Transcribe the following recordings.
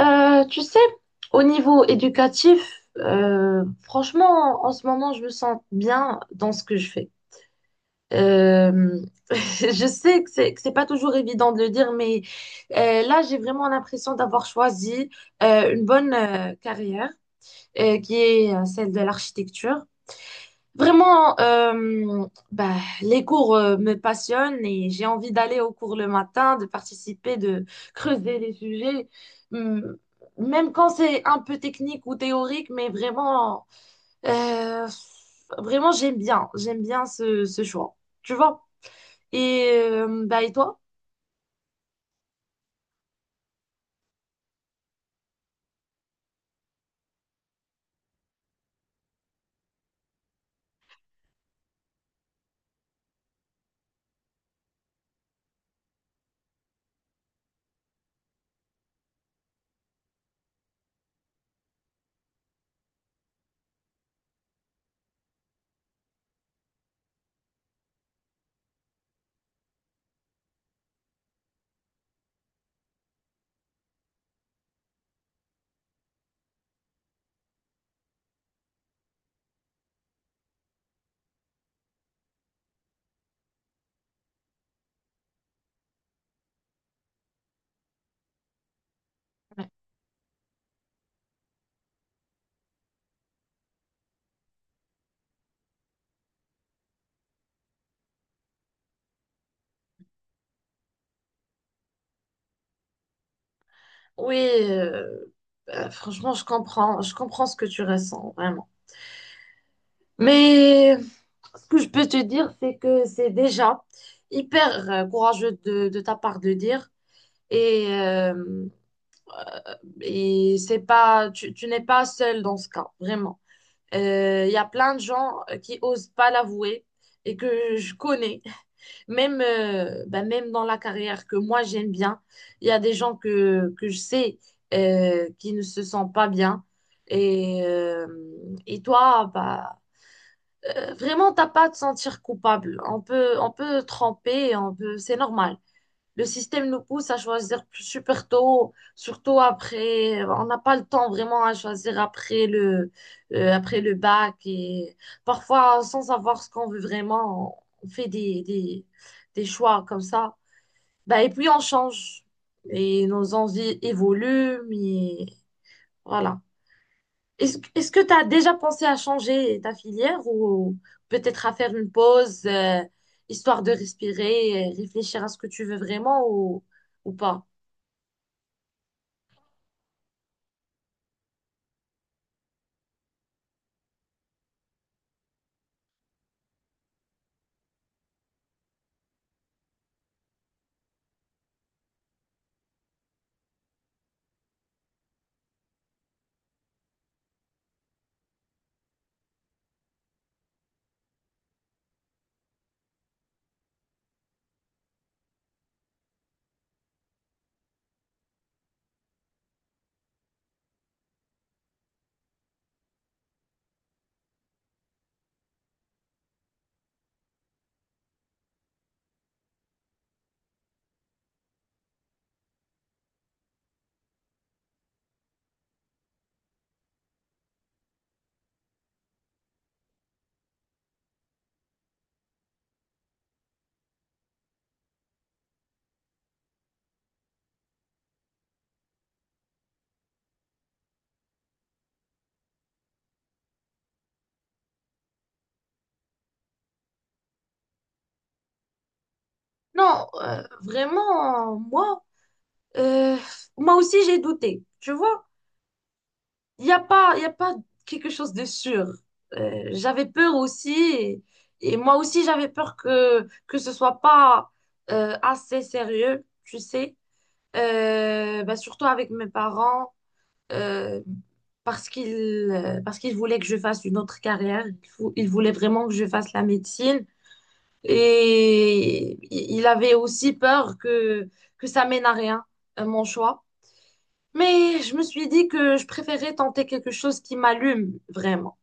Euh, tu sais, au niveau éducatif, franchement, en ce moment, je me sens bien dans ce que je fais. Euh, je sais que c'est pas toujours évident de le dire, mais là, j'ai vraiment l'impression d'avoir choisi une bonne carrière qui est celle de l'architecture. Vraiment, bah, les cours me passionnent et j'ai envie d'aller au cours le matin, de participer, de creuser les sujets, Hum, même quand c'est un peu technique ou théorique, mais vraiment, euh, vraiment j'aime bien, j'aime bien ce choix, tu vois. Et toi? Ouais. Oui, euh, franchement, je comprends ce que tu ressens, vraiment. Mais ce que je peux te dire, c'est que c'est déjà hyper courageux de ta part de dire. Et, euh, et c'est pas, tu n'es pas seul dans ce cas, vraiment. Il y a plein de gens qui osent pas l'avouer et que je connais. Même, même dans la carrière que moi j'aime bien, il y a des gens que je sais qui ne se sentent pas bien. Et, euh, et toi, vraiment, t'as pas à te sentir coupable. On peut tremper, on peut, c'est normal. Le système nous pousse à choisir super tôt, surtout après. On n'a pas le temps vraiment à choisir après le bac et parfois sans savoir ce qu'on veut vraiment, on fait des choix comme ça. Bah, et puis on change et nos envies évoluent, mais voilà. Est-ce que tu as déjà pensé à changer ta filière ou peut-être à faire une pause, histoire de respirer, et réfléchir à ce que tu veux vraiment ou pas? Non, vraiment, moi, euh, moi aussi j'ai douté. Tu vois, il y a pas quelque chose de sûr. J'avais peur aussi, et moi aussi j'avais peur que ce soit pas assez sérieux, tu sais. Surtout avec mes parents. euh, parce qu'il parce qu'il voulait que je fasse une autre carrière. Il voulait vraiment que je fasse la médecine. Et il avait aussi peur que ça mène à rien, mon choix. Mais je me suis dit que je préférais tenter quelque chose qui m'allume vraiment.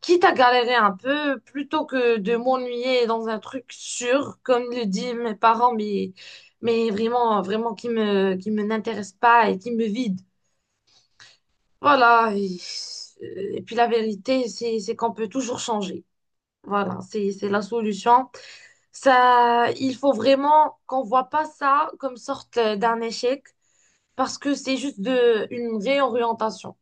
Quitte à galérer un peu, plutôt que de m'ennuyer dans un truc sûr, comme le disent mes parents, mais, vraiment, vraiment qui me n'intéresse pas et qui me vide. Voilà. Et puis la vérité, c'est qu'on peut toujours changer. Voilà, c'est la solution. Ça, il faut vraiment qu'on voit pas ça comme sorte d'un échec parce que c'est juste de, une réorientation.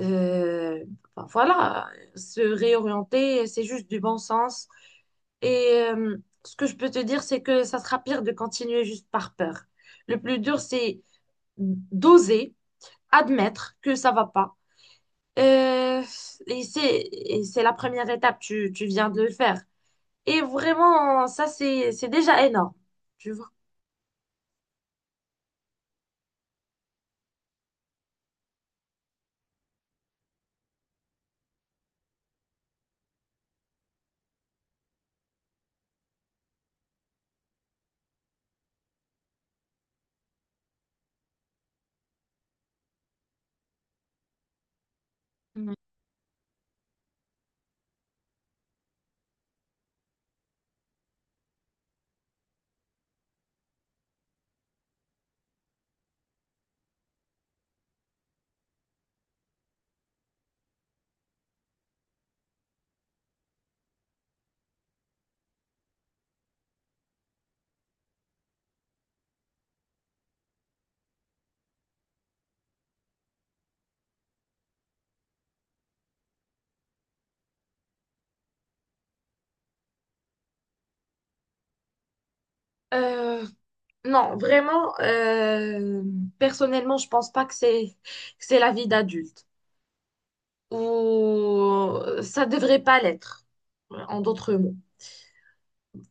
Euh, ben voilà, se réorienter, c'est juste du bon sens. Et ce que je peux te dire, c'est que ça sera pire de continuer juste par peur. Le plus dur, c'est d'oser admettre que ça va pas. Euh, et c'est, et c'est la première étape, tu viens de le faire. Et vraiment, ça, c'est déjà énorme, tu vois. Mm. Euh, non, vraiment, personnellement, je pense pas que c'est, que c'est la vie d'adulte. Ou ça devrait pas l'être, en d'autres mots.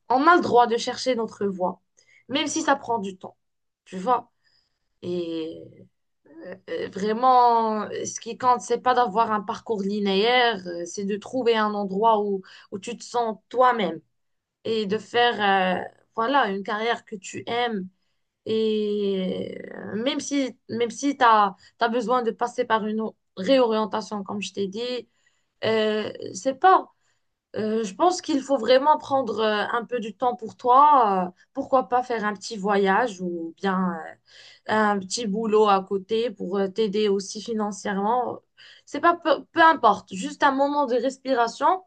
On a le droit de chercher notre voie, même si ça prend du temps, tu vois. Et vraiment, ce qui compte, c'est pas d'avoir un parcours linéaire, c'est de trouver un endroit où, où tu te sens toi-même et de faire, voilà, une carrière que tu aimes. Et même si tu as, besoin de passer par une réorientation, comme je t'ai dit, c'est pas. Je pense qu'il faut vraiment prendre un peu du temps pour toi. Pourquoi pas faire un petit voyage ou bien un petit boulot à côté pour t'aider aussi financièrement. C'est pas peu importe, juste un moment de respiration,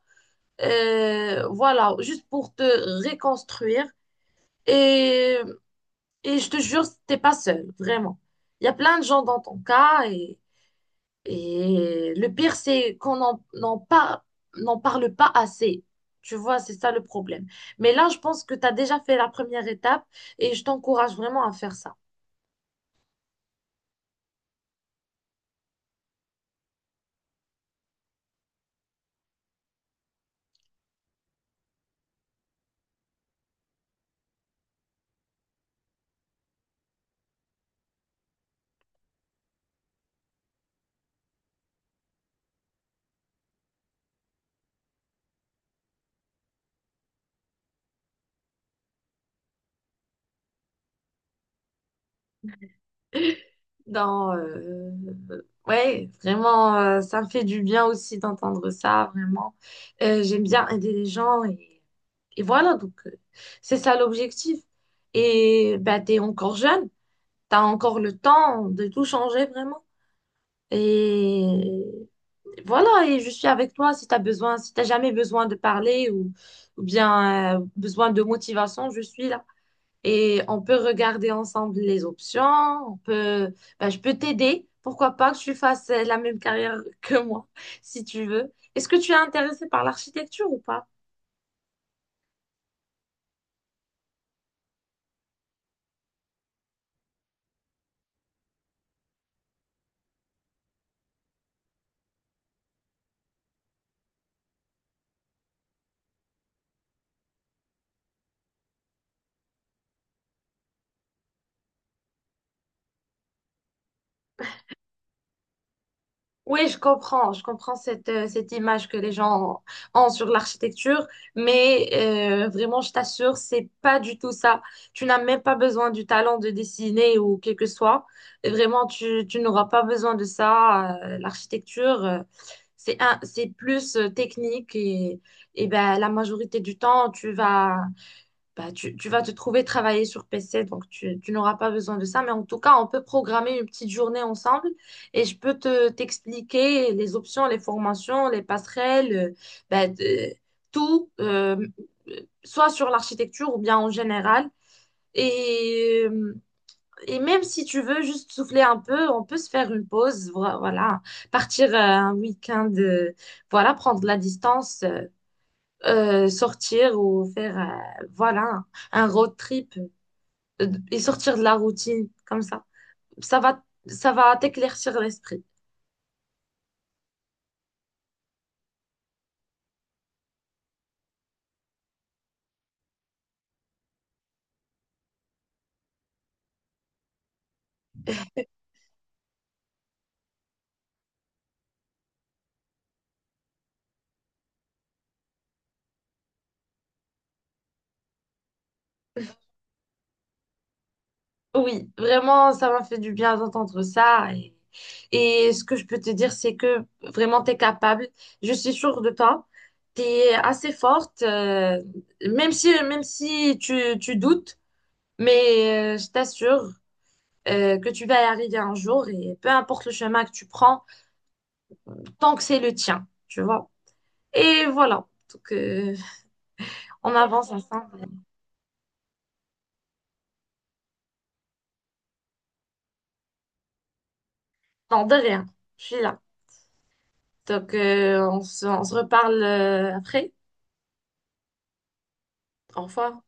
voilà, juste pour te reconstruire. Et, et je te jure, t'es pas seul, vraiment. Il y a plein de gens dans ton cas et le pire, c'est qu'on n'en parle pas assez. Tu vois, c'est ça le problème. Mais là, je pense que tu as déjà fait la première étape et je t'encourage vraiment à faire ça. dans, euh, ouais, vraiment, ça me fait du bien aussi d'entendre ça, vraiment. J'aime bien aider les gens et voilà, donc c'est ça l'objectif. Et bah, t'es encore jeune, t'as encore le temps de tout changer vraiment. Et voilà, et je suis avec toi si t'as besoin, si t'as jamais besoin de parler ou bien besoin de motivation, je suis là et on peut regarder ensemble les options. On peut, ben, je peux t'aider. Pourquoi pas que tu fasses la même carrière que moi, si tu veux. Est-ce que tu es intéressé par l'architecture ou pas? Oui, je comprends cette, cette image que les gens ont sur l'architecture, mais vraiment, je t'assure, c'est pas du tout ça. Tu n'as même pas besoin du talent de dessiner ou quel que soit. Vraiment, tu n'auras pas besoin de ça. L'architecture, c'est un, c'est plus technique et ben, la majorité du temps, tu vas, bah, tu vas te trouver travailler sur PC, donc tu n'auras pas besoin de ça. Mais en tout cas, on peut programmer une petite journée ensemble et je peux te t'expliquer les options, les formations, les passerelles, bah, de- tout, soit sur l'architecture ou bien en général. Et, euh, et même si tu veux juste souffler un peu, on peut se faire une pause, voilà, partir un week-end, voilà, prendre de la distance. Sortir ou faire voilà un road trip et sortir de la routine comme ça. Ça va t'éclaircir l'esprit. Oui, vraiment, ça m'a fait du bien d'entendre ça. Et ce que je peux te dire, c'est que vraiment, t'es capable. Je suis sûre de toi. T'es assez forte, même si tu doutes, mais je t'assure que tu vas y arriver un jour et peu importe le chemin que tu prends, tant que c'est le tien, tu vois. Et voilà. Donc, euh, on avance ensemble. Non, de rien. Je suis là. On se reparle après. Au revoir.